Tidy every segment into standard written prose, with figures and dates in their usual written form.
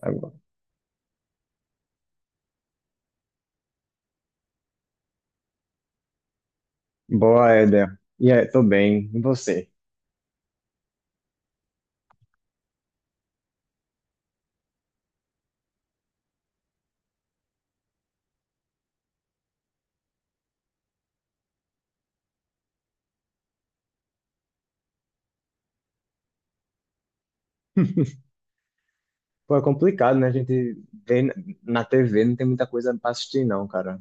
Agora. Boa, Éder. E aí, tô bem. E você? Pô, é complicado, né? A gente vê na TV, não tem muita coisa pra assistir, não, cara.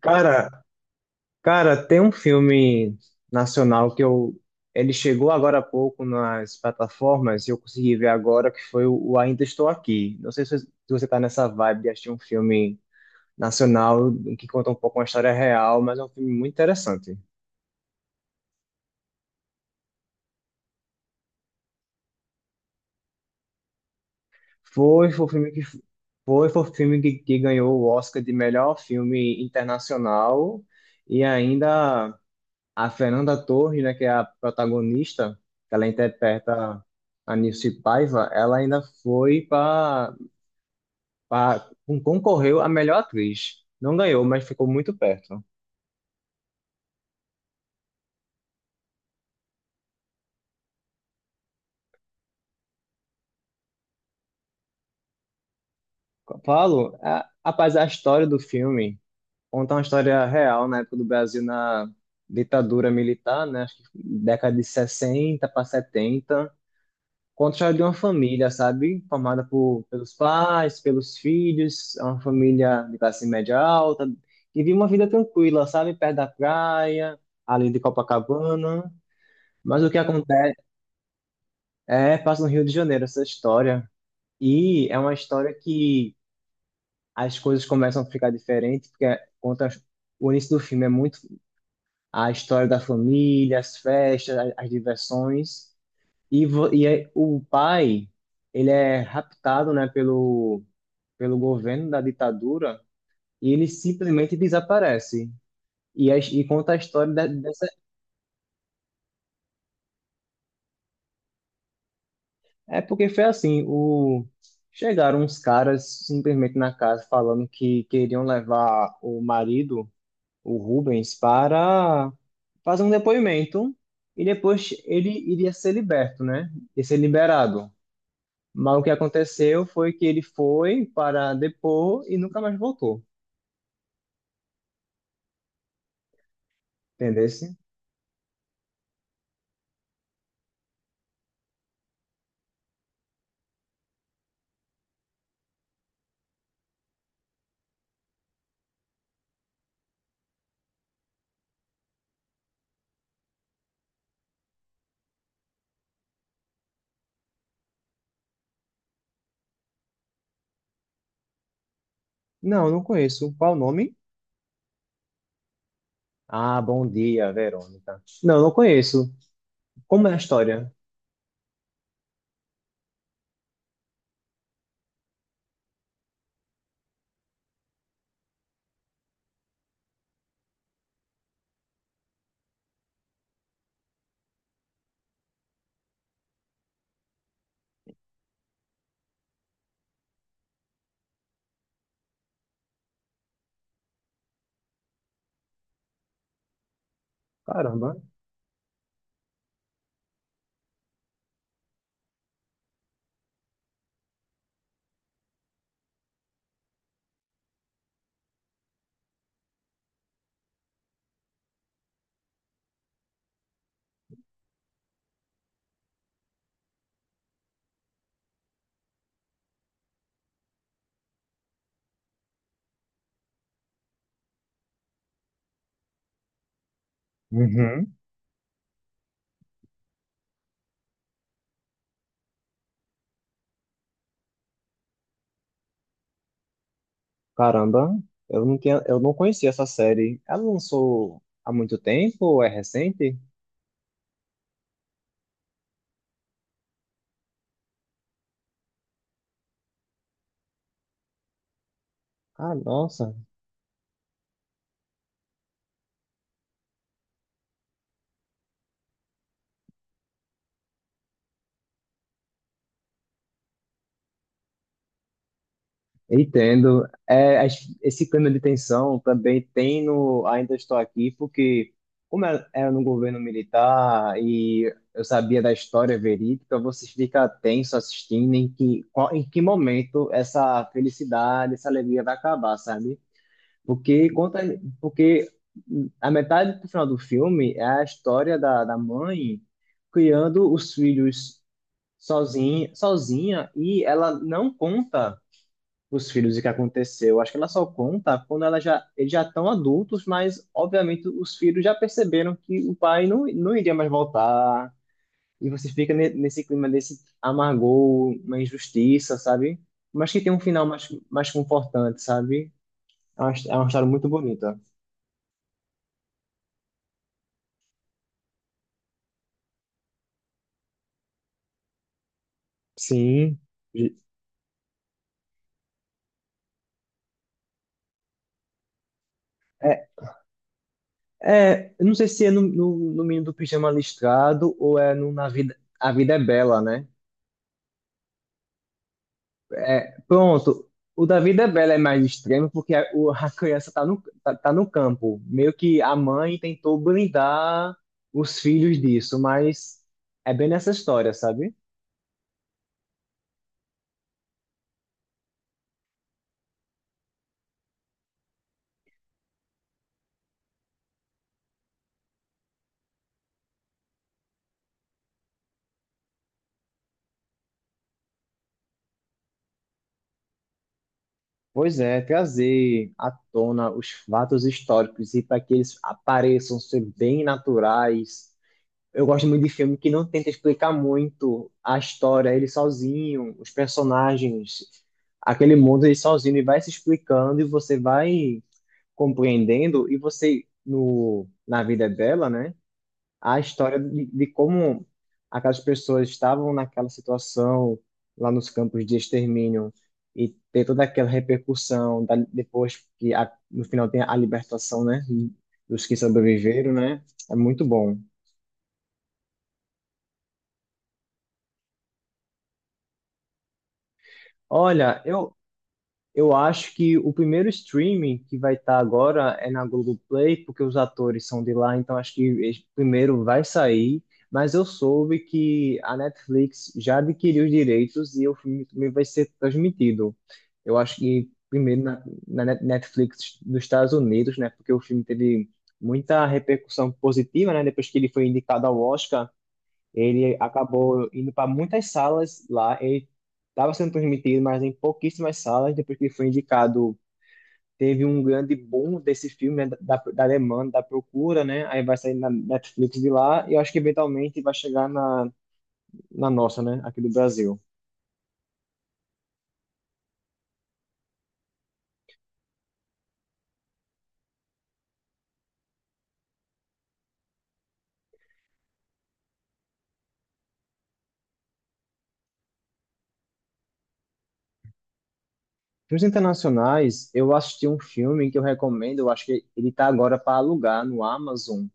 Cara, Cara, tem um filme nacional que eu. Ele chegou agora há pouco nas plataformas e eu consegui ver agora, que foi o Ainda Estou Aqui. Não sei se você tá nessa vibe de assistir um filme nacional que conta um pouco uma história real, mas é um filme muito interessante. Foi, foi o filme que, foi, o filme que ganhou o Oscar de melhor filme internacional e ainda a Fernanda Torres, né, que é a protagonista, que ela interpreta a Nilce Paiva, ela ainda foi para concorreu a melhor atriz. Não ganhou, mas ficou muito perto. Paulo, a, rapaz, a história do filme conta uma história real na época do Brasil na ditadura militar, né, acho que década de 60 para 70 conta de uma família, sabe? Formada por, pelos pais, pelos filhos, é uma família de classe média alta, que vive uma vida tranquila, sabe? Perto da praia, ali de Copacabana. Mas o que acontece é, passa no Rio de Janeiro essa história. E é uma história que as coisas começam a ficar diferentes, porque conta o início do filme é muito a história da família, as festas, as diversões. E, o pai, ele é raptado, né, pelo governo da ditadura e ele simplesmente desaparece. E, e conta a história dessa. É porque foi assim: o... chegaram uns caras simplesmente na casa falando que queriam levar o marido, o Rubens, para fazer um depoimento e depois ele iria ser liberto, né? E ser liberado. Mas o que aconteceu foi que ele foi para depor e nunca mais voltou. Entendesse? Não, não conheço. Qual o nome? Ah, bom dia, Verônica. Não, não conheço. Como é a história? Caramba. Uhum. Caramba, eu não tinha, eu não conhecia essa série. Ela lançou há muito tempo ou é recente? Ah, nossa. Entendo. É, esse clima de tensão também tem no Ainda Estou Aqui, porque como era no governo militar e eu sabia da história verídica, você fica tenso assistindo em que, em que momento essa felicidade, essa alegria vai acabar, sabe? Porque conta, porque a metade do final do filme é a história da mãe criando os filhos sozinha, sozinha e ela não conta os filhos o que aconteceu. Acho que ela só conta quando ela já, eles já estão adultos, mas obviamente os filhos já perceberam que o pai não iria mais voltar. E você fica nesse clima desse amargor, uma injustiça, sabe? Mas que tem um final mais confortante, sabe? É uma história muito bonita. Sim. E- É, é, eu não sei se é no menino do pijama listrado ou é no Na Vida, A Vida é Bela, né? É, pronto. O da Vida é Bela é mais extremo porque a, a criança tá tá no campo. Meio que a mãe tentou blindar os filhos disso, mas é bem nessa história, sabe? Pois é, trazer à tona os fatos históricos e para que eles apareçam ser bem naturais. Eu gosto muito de filme que não tenta explicar muito a história, ele sozinho, os personagens, aquele mundo ele sozinho, ele vai se explicando e você vai compreendendo e você no na vida dela, né? A história de como aquelas pessoas estavam naquela situação lá nos campos de extermínio e ter toda aquela repercussão da, depois que a, no final tem a libertação, né? Dos que sobreviveram, né? É muito bom. Olha, eu acho que o primeiro streaming que vai estar agora é na Globoplay, porque os atores são de lá, então acho que esse primeiro vai sair. Mas eu soube que a Netflix já adquiriu os direitos e o filme também vai ser transmitido. Eu acho que primeiro na, Netflix dos Estados Unidos, né? Porque o filme teve muita repercussão positiva, né? Depois que ele foi indicado ao Oscar. Ele acabou indo para muitas salas lá. Ele estava sendo transmitido, mas em pouquíssimas salas. Depois que ele foi indicado, teve um grande boom desse filme, né, da demanda, da procura, né? Aí vai sair na Netflix de lá e eu acho que eventualmente vai chegar na, na nossa, né? Aqui do Brasil. Filmes internacionais, eu assisti um filme que eu recomendo, eu acho que ele está agora para alugar no Amazon,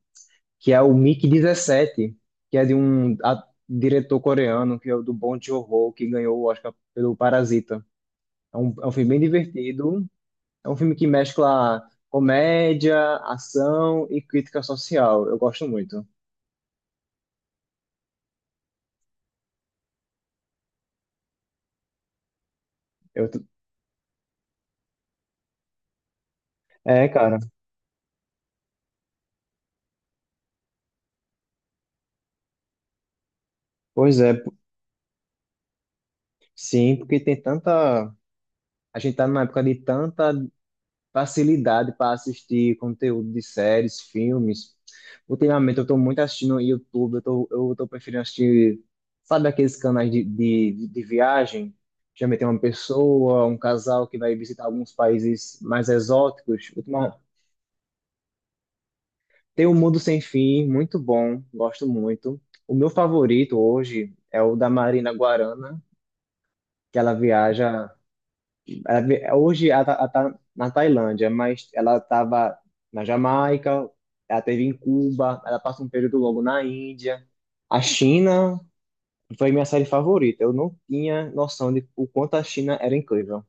que é o mig 17, que é de diretor coreano, que é o do Bong Joon-ho, que ganhou o Oscar pelo Parasita. É um filme bem divertido, é um filme que mescla comédia, ação e crítica social. Eu gosto muito. Eu t- é, cara, pois é, p- Sim, porque tem tanta. A gente tá numa época de tanta facilidade para assistir conteúdo de séries, filmes. Ultimamente eu estou muito assistindo no YouTube, eu tô preferindo assistir, sabe aqueles canais de viagem? Geralmente tem uma pessoa, um casal que vai visitar alguns países mais exóticos. Ultima- Tem O Mundo Sem Fim, muito bom, gosto muito. O meu favorito hoje é o da Marina Guarana, que ela viaja. Hoje ela tá na Tailândia, mas ela estava na Jamaica, ela teve em Cuba, ela passa um período longo na Índia. A China foi minha série favorita. Eu não tinha noção de o quanto a China era incrível.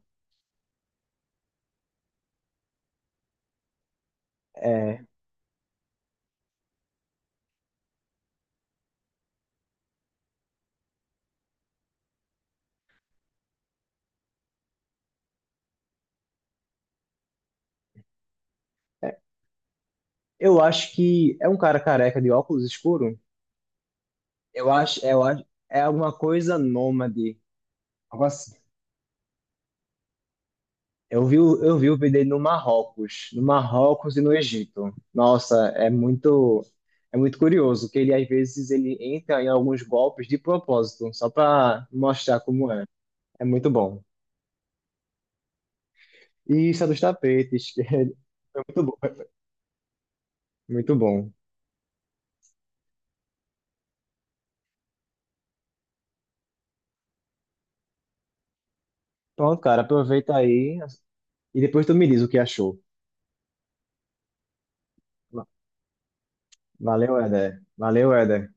É, é, eu acho que é um cara careca de óculos escuro. Eu acho, eu acho, é alguma coisa nômade. Eu vi, o vídeo dele no Marrocos, no Marrocos e no Egito. Nossa, é muito curioso que ele às vezes ele entra em alguns golpes de propósito, só para mostrar como é. É muito bom. E isso é dos tapetes, que é muito bom, é muito bom. Pronto, cara, aproveita aí e depois tu me diz o que achou. Va- Valeu, Eder. Valeu, Eder.